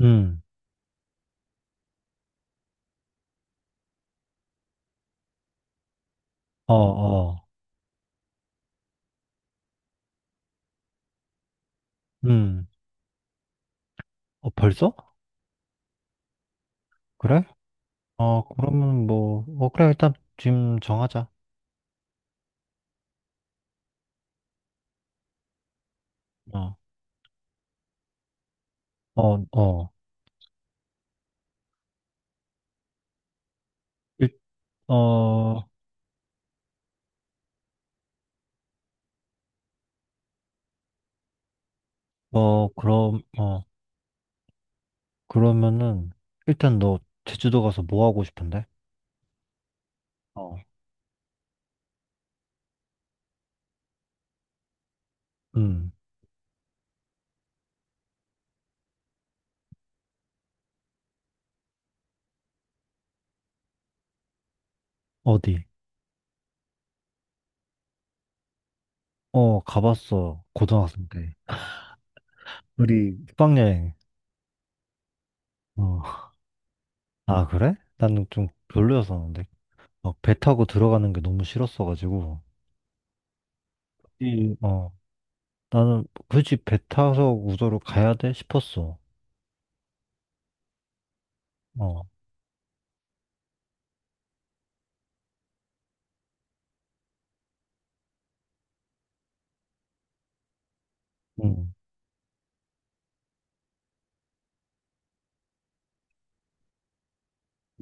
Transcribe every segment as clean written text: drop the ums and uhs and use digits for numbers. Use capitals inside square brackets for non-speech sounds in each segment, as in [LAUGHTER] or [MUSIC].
음. 어. 어. 음. 어, 벌써? 그래? 어, 그러면 뭐, 어, 그래, 일단 지금 정하자. 어. 어. 어. 일, 어. 어. 그럼, 어, 그러면은, 일단 너 제주도 가서 뭐 하고 싶은데? 어. 음. 어디? 어, 가봤어, 고등학생 때. 우리 국방여행. 어. 아, 그래? 나는 좀 별로였었는데. 어, 배 타고 들어가는 게 너무 싫었어가지고. 어, 나는 굳이 배 타서 우도로 가야 돼 싶었어. 어. 음.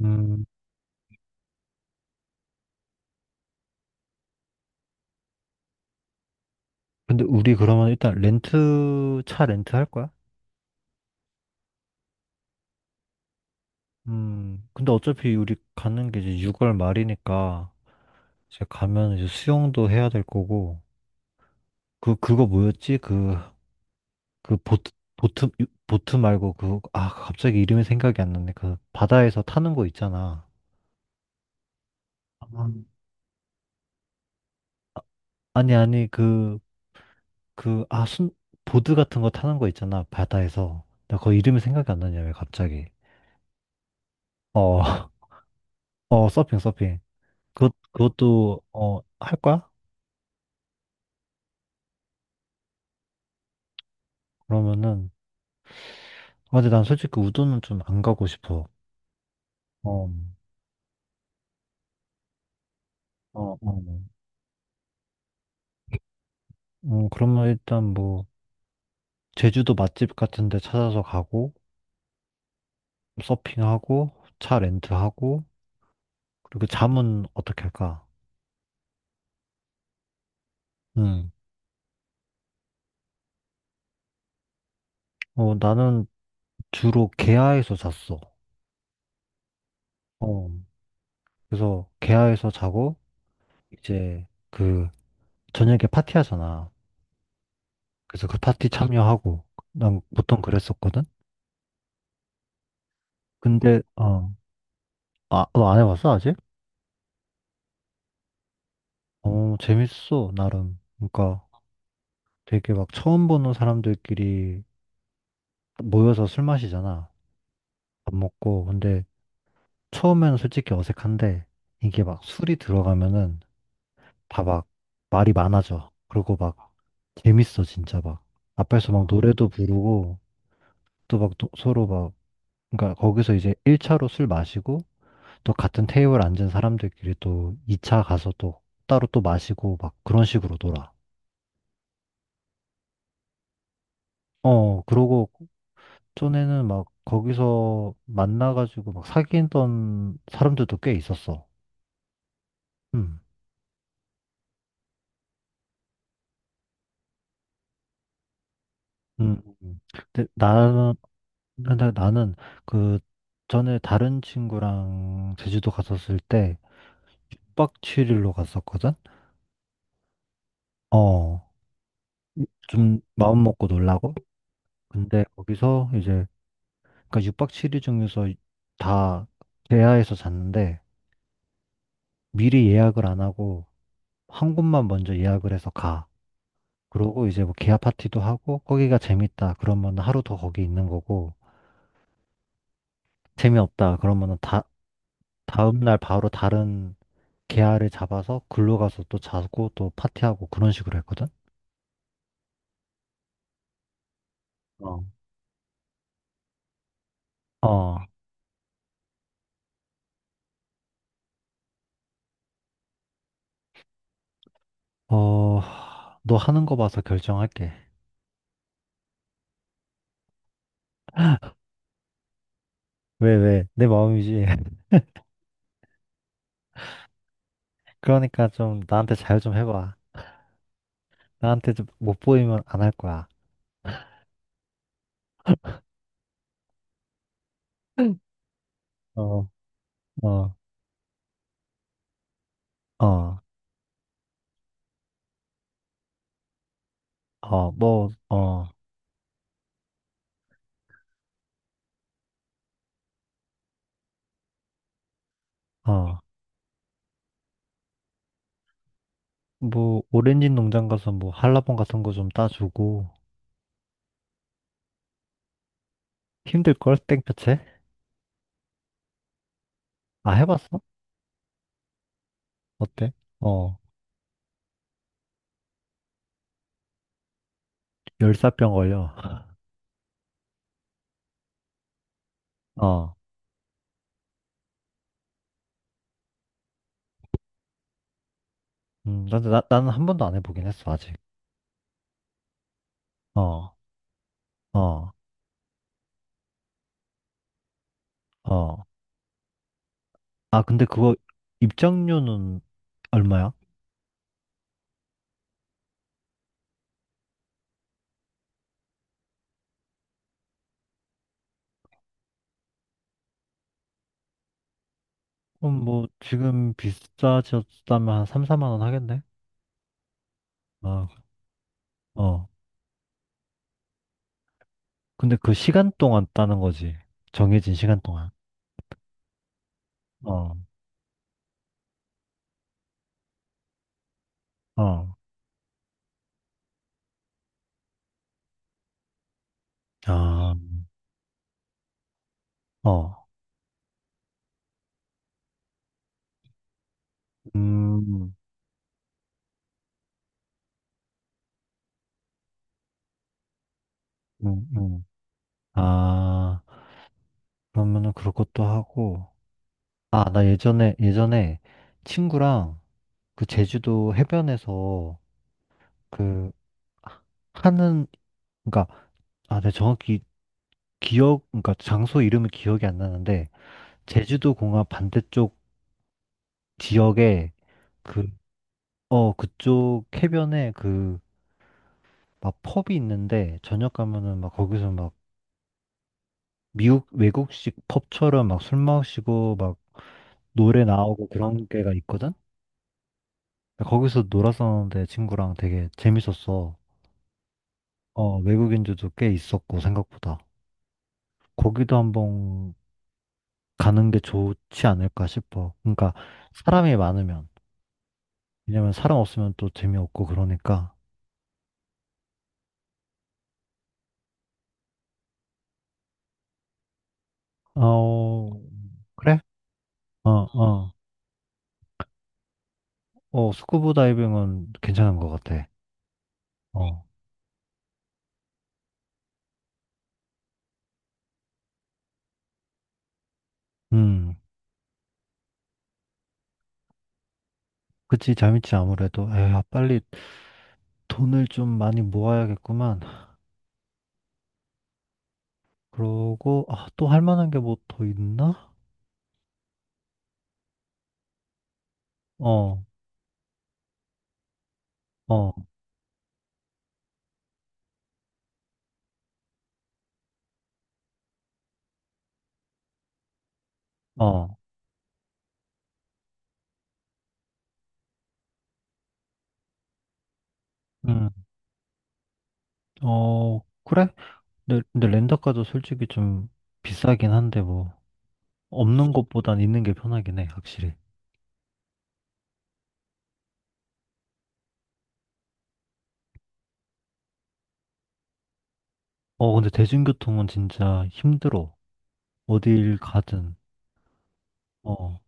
음. 근데 우리 그러면 일단 차 렌트 할 거야? 음. 근데 어차피 우리 가는 게 이제 6월 말이니까 이제 가면 이제 수영도 해야 될 거고. 그거 뭐였지? 그, 그 보트 말고 그, 아, 갑자기 이름이 생각이 안 나네. 그 바다에서 타는 거 있잖아. 아. 아니, 아니, 그 그, 아, 순, 보드 같은 거 타는 거 있잖아, 바다에서. 나 그거 이름이 생각이 안 나냐, 왜 갑자기. 어. [LAUGHS] 어, 서핑, 서핑. 그것도, 어, 할 거야? 그러면은, 아, 근데 난 솔직히 우도는 좀 안 가고 싶어. 어. 어. 어. 어. 그러면 일단 뭐, 제주도 맛집 같은 데 찾아서 가고, 서핑하고, 차 렌트하고, 그리고 잠은 어떻게 할까? 음. 어, 나는 주로 계야에서 잤어. 어, 그래서 계야에서 자고, 이제 그 저녁에 파티하잖아. 그래서 그 파티 참여하고 난 보통 그랬었거든. 근데 어, 아, 너 안 해봤어 아직? 어, 재밌어 나름. 그러니까 되게 막 처음 보는 사람들끼리 모여서 술 마시잖아. 밥 먹고. 근데 처음에는 솔직히 어색한데 이게 막 술이 들어가면은 다 막 말이 많아져. 그리고 막 재밌어 진짜 막 앞에서 막 노래도 부르고 또 막 서로 막 그러니까 거기서 이제 1차로 술 마시고 또 같은 테이블 앉은 사람들끼리 또 2차 가서 또 따로 또 마시고 막 그런 식으로 놀아. 어, 그러고 전에는 막 거기서 만나가지고 막 사귀던 사람들도 꽤 있었어. 음. 음. 음. 근데 나는, 근데 나는 그 전에 다른 친구랑 제주도 갔었을 때 6박 7일로 갔었거든? 어, 좀 마음 먹고 놀라고? 근데 거기서 이제 그러니까 6박 7일 중에서 다 대하에서 잤는데 미리 예약을 안 하고 한 곳만 먼저 예약을 해서 가. 그러고 이제 뭐 기아 파티도 하고 거기가 재밌다 그러면 하루 더 거기 있는 거고 재미없다 그러면은 다 다음 날 바로 다른 계아를 잡아서 글로 가서 또 자고 또 파티하고 그런 식으로 했거든. 어. 어, 어, 너 하는 거 봐서 결정할게. 왜, 왜? 내 마음이지. [LAUGHS] 그러니까 좀 나한테 잘 좀 해봐. 나한테 좀 못 보이면 안 할 거야. 어. 어. 어. 어. 뭐, 어, 어, 뭐, 오렌지 농장 가서 뭐, 한라봉 같은 거 좀 따주고, 힘들걸? 땡볕에? 아, 해봤어? 어때? 어, 열사병 걸려. [LAUGHS] 어, 나는 한 번도 안 해보긴 했어, 아직. 어. 어. 어. 아, 근데 그거 입장료는 얼마야? 그럼 뭐, 지금 비싸졌다면 한 3, 4만 원 하겠네? 어. 어. 근데 그 시간 동안 따는 거지. 정해진 시간 동안. 어. 어. 아. 어. 음. 음. 음. 아, 그러면은 그럴 것도 하고, 아, 나 예전에, 예전에 친구랑 그 제주도 해변에서 그 하는, 그니까, 아, 내가 정확히 그러니까 장소 이름이 기억이 안 나는데, 제주도 공항 반대쪽 지역에 그, 어, 그쪽 해변에 그, 막 펍이 있는데, 저녁 가면은 막 거기서 막 미국 외국식 펍처럼 막 술 마시고 막 노래 나오고 그런 게가 있거든? 거기서 놀았었는데 친구랑 되게 재밌었어. 어, 외국인들도 꽤 있었고 생각보다. 거기도 한번 가는 게 좋지 않을까 싶어. 그러니까 사람이 많으면. 왜냐면 사람 없으면 또 재미없고 그러니까. 어, 그래? 어. 어. 어, 스쿠버 다이빙은 괜찮은 것 같아. 어. 음. 그치, 재밌지, 아무래도. 에휴, 빨리. 돈을 좀 많이 모아야겠구만. 그러고, 아, 또 할 만한 게 뭐 더 있나? 어. 어. 어. 음. 어, 그래? 근데 렌터카도 솔직히 좀 비싸긴 한데 뭐, 없는 것보단 있는 게 편하긴 해, 확실히. 어, 근데 대중교통은 진짜 힘들어. 어딜 가든. 어.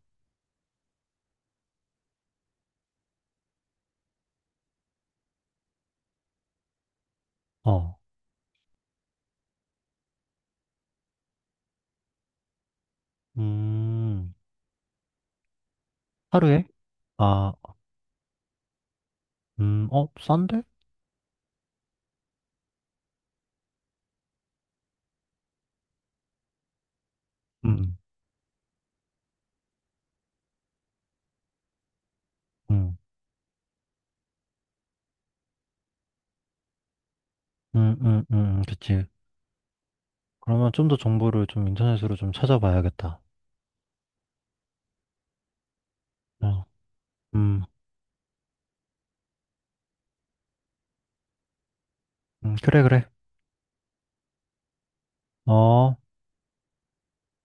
어. 음. 하루에? 아, 어, 싼데? 음. 음. 음. 음. 음. 그치. 그러면 좀 더 정보를 좀 인터넷으로 좀 찾아봐야겠다. 어, 음, 그래, 그래. 어.